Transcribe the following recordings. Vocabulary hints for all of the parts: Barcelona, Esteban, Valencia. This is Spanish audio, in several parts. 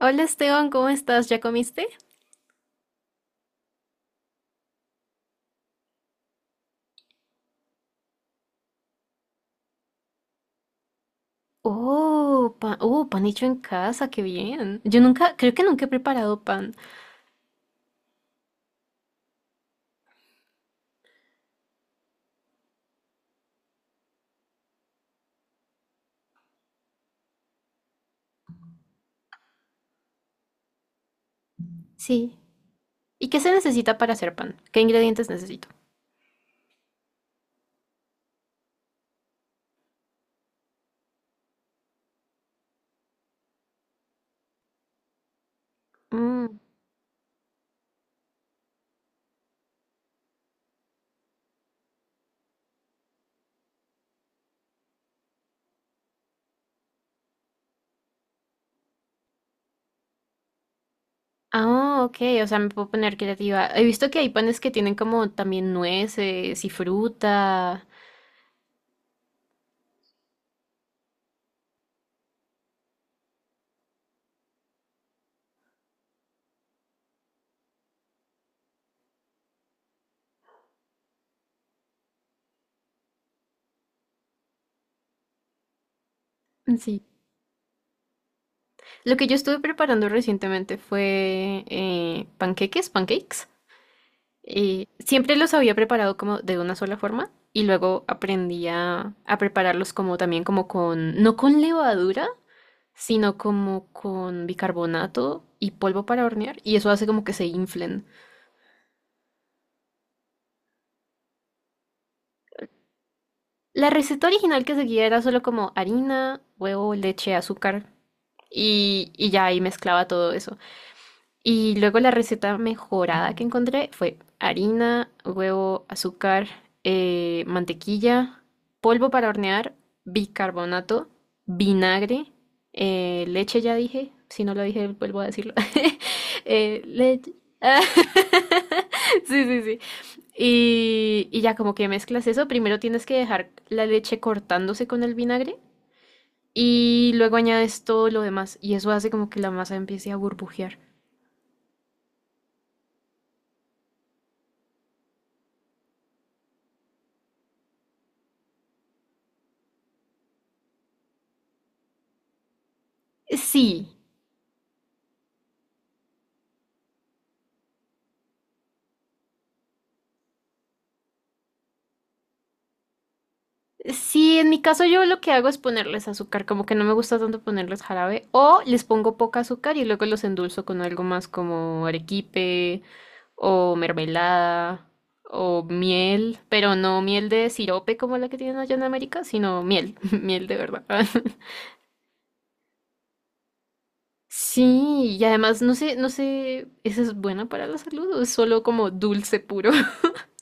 Hola Esteban, ¿cómo estás? ¿Ya comiste? Oh, pan hecho en casa, qué bien. Yo nunca, creo que nunca he preparado pan. Sí. ¿Y qué se necesita para hacer pan? ¿Qué ingredientes necesito? Mm. Ah, ok, o sea, me puedo poner creativa. He visto que hay panes que tienen como también nueces y fruta. Sí. Lo que yo estuve preparando recientemente fue panqueques, pancakes. Siempre los había preparado como de una sola forma y luego aprendí a prepararlos como también como con, no con levadura, sino como con bicarbonato y polvo para hornear y eso hace como que se inflen. La receta original que seguía era solo como harina, huevo, leche, azúcar y ya ahí mezclaba todo eso. Y luego la receta mejorada que encontré fue harina, huevo, azúcar, mantequilla, polvo para hornear, bicarbonato, vinagre, leche ya dije, si no lo dije vuelvo a decirlo. Leche. Sí, sí, sí. Y ya como que mezclas eso, primero tienes que dejar la leche cortándose con el vinagre y luego añades todo lo demás y eso hace como que la masa empiece a burbujear. Sí. Sí, en mi caso yo lo que hago es ponerles azúcar, como que no me gusta tanto ponerles jarabe, o les pongo poca azúcar y luego los endulzo con algo más como arequipe o mermelada o miel, pero no miel de sirope como la que tienen allá en América, sino miel, miel de verdad. Sí, y además no sé, no sé, ¿eso es bueno para la salud o es solo como dulce puro?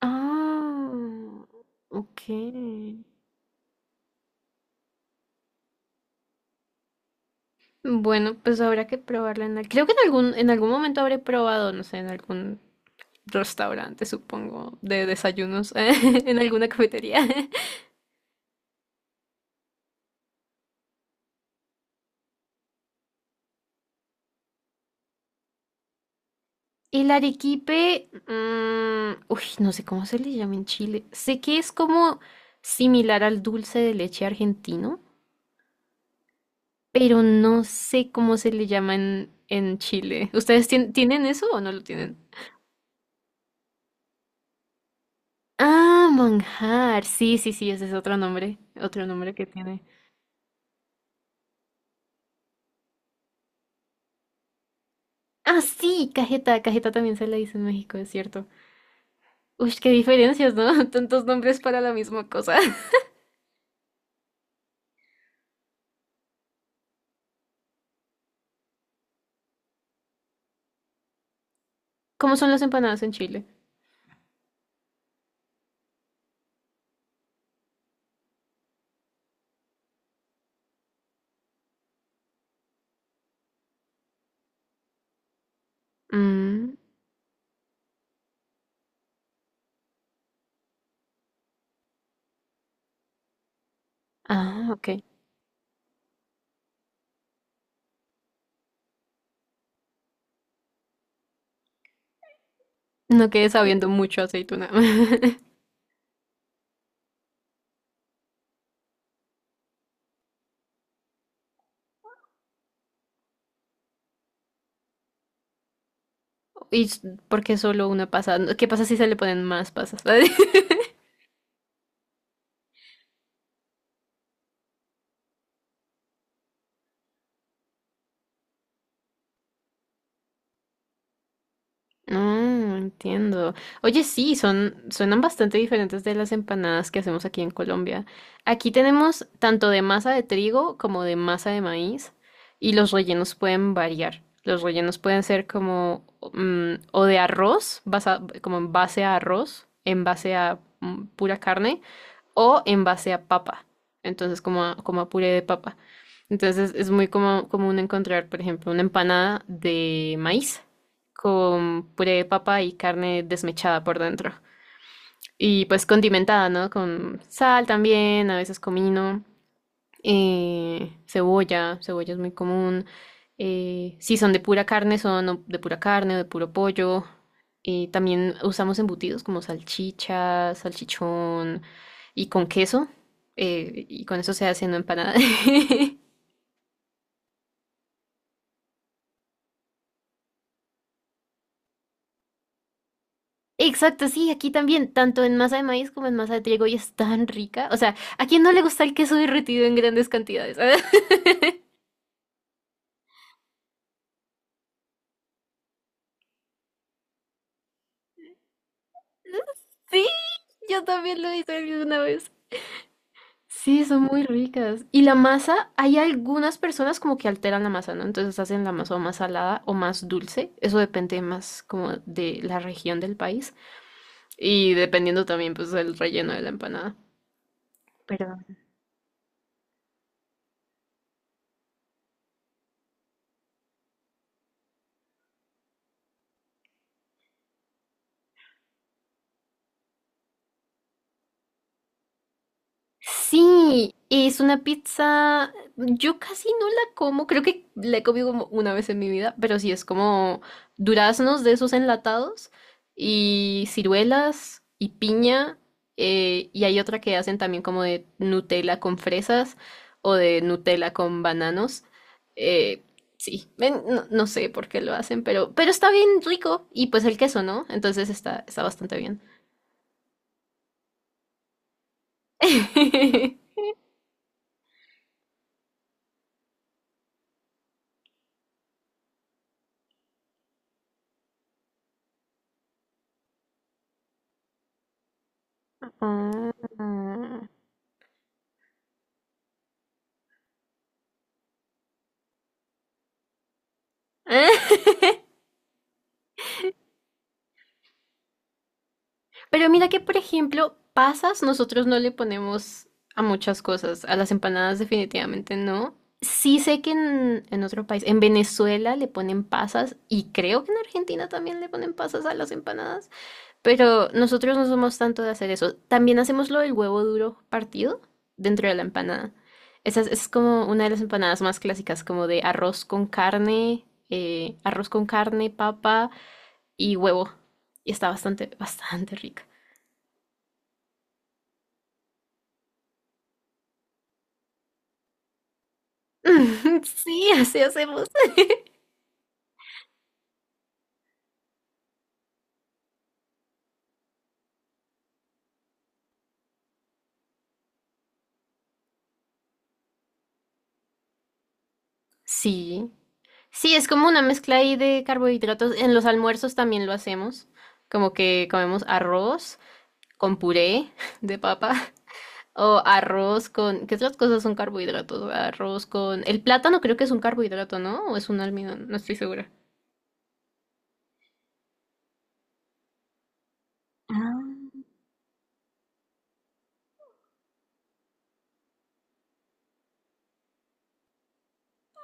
Ah, ok. Bueno, pues habrá que probarla en al- Creo que en algún momento habré probado, no sé, en algún restaurante, supongo, de desayunos, en alguna cafetería. El arequipe, mm, uy, no sé cómo se le llama en Chile. Sé que es como similar al dulce de leche argentino, pero no sé cómo se le llama en Chile. ¿Ustedes tien- tienen eso o no lo tienen? Ah, manjar. Sí, sí, sí, ese es otro nombre que tiene. Ah, sí, cajeta, cajeta también se le dice en México, es cierto. Uy, qué diferencias, ¿no? Tantos nombres para la misma cosa. ¿Cómo son las empanadas en Chile? Mm, ah, ok. No quedé sabiendo mucho aceituna. ¿Y s- por qué solo una pasa? No, ¿qué pasa si se le ponen más pasas? No, entiendo. Oye, sí, son, suenan bastante diferentes de las empanadas que hacemos aquí en Colombia. Aquí tenemos tanto de masa de trigo como de masa de maíz y los rellenos pueden variar. Los rellenos pueden ser como mm, o de arroz, basa- como en base a arroz, en base a mm, pura carne, o en base a papa, entonces como a, como a puré de papa. Entonces es muy como- común encontrar, por ejemplo, una empanada de maíz con puré de papa y carne desmechada por dentro. Y pues condimentada, ¿no? Con sal también, a veces comino, cebolla, cebolla es muy común. Si son de pura carne, son o de pura carne o de puro pollo. También usamos embutidos como salchicha, salchichón y con queso. Y con eso se hace una empanada. Exacto, sí, aquí también, tanto en masa de maíz como en masa de trigo, y es tan rica. O sea, ¿a quién no le gusta el queso derretido en grandes cantidades? Sí, yo también lo hice alguna vez. Sí, son muy ricas. Y la masa, hay algunas personas como que alteran la masa, ¿no? Entonces hacen la masa o más salada o más dulce. Eso depende más como de la región del país y dependiendo también pues del relleno de la empanada. Sí, es una pizza. Yo casi no la como, creo que la he comido como una vez en mi vida, pero sí es como duraznos de esos enlatados y ciruelas y piña. Y hay otra que hacen también como de Nutella con fresas o de Nutella con bananos. Eh, sí, ven, no, no sé por qué lo hacen, pero está bien rico. Y pues el queso, ¿no? Entonces está, está bastante bien. Mm. Pero mira que, por ejemplo, pasas, nosotros no le ponemos a muchas cosas, a las empanadas definitivamente no. Sí sé que en otro país, en Venezuela le ponen pasas y creo que en Argentina también le ponen pasas a las empanadas, pero nosotros no somos tanto de hacer eso. También hacemos lo del huevo duro partido dentro de la empanada. Esa es como una de las empanadas más clásicas, como de arroz con carne, papa y huevo. Y está bastante, bastante rica. Sí, así hacemos. Sí. Sí, es como una mezcla ahí de carbohidratos. En los almuerzos también lo hacemos. Como que comemos arroz con puré de papa o arroz con... ¿Qué otras cosas son carbohidratos? Arroz con... El plátano creo que es un carbohidrato, ¿no? ¿O es un almidón? No estoy segura.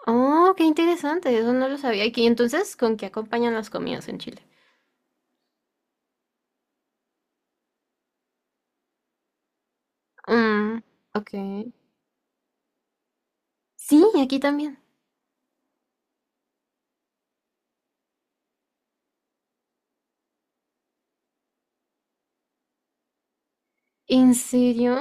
Oh, qué interesante. Eso no lo sabía. ¿Y qué- entonces con qué acompañan las comidas en Chile? Mm, ok. Sí, aquí también. ¿En serio?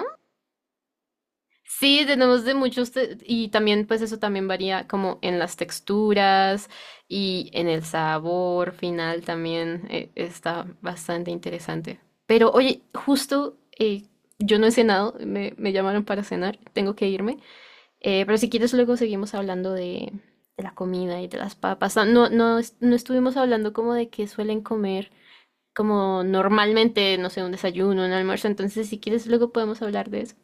Sí, tenemos de muchos te- y también pues eso también varía como en las texturas y en el sabor final también está bastante interesante. Pero oye, justo yo no he cenado, me llamaron para cenar, tengo que irme. Pero si quieres luego seguimos hablando de la comida y de las papas. No, no, no es- no estuvimos hablando como de que suelen comer como normalmente, no sé, un desayuno, un almuerzo. Entonces si quieres luego podemos hablar de eso.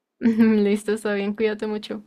Listo, está bien, cuídate mucho.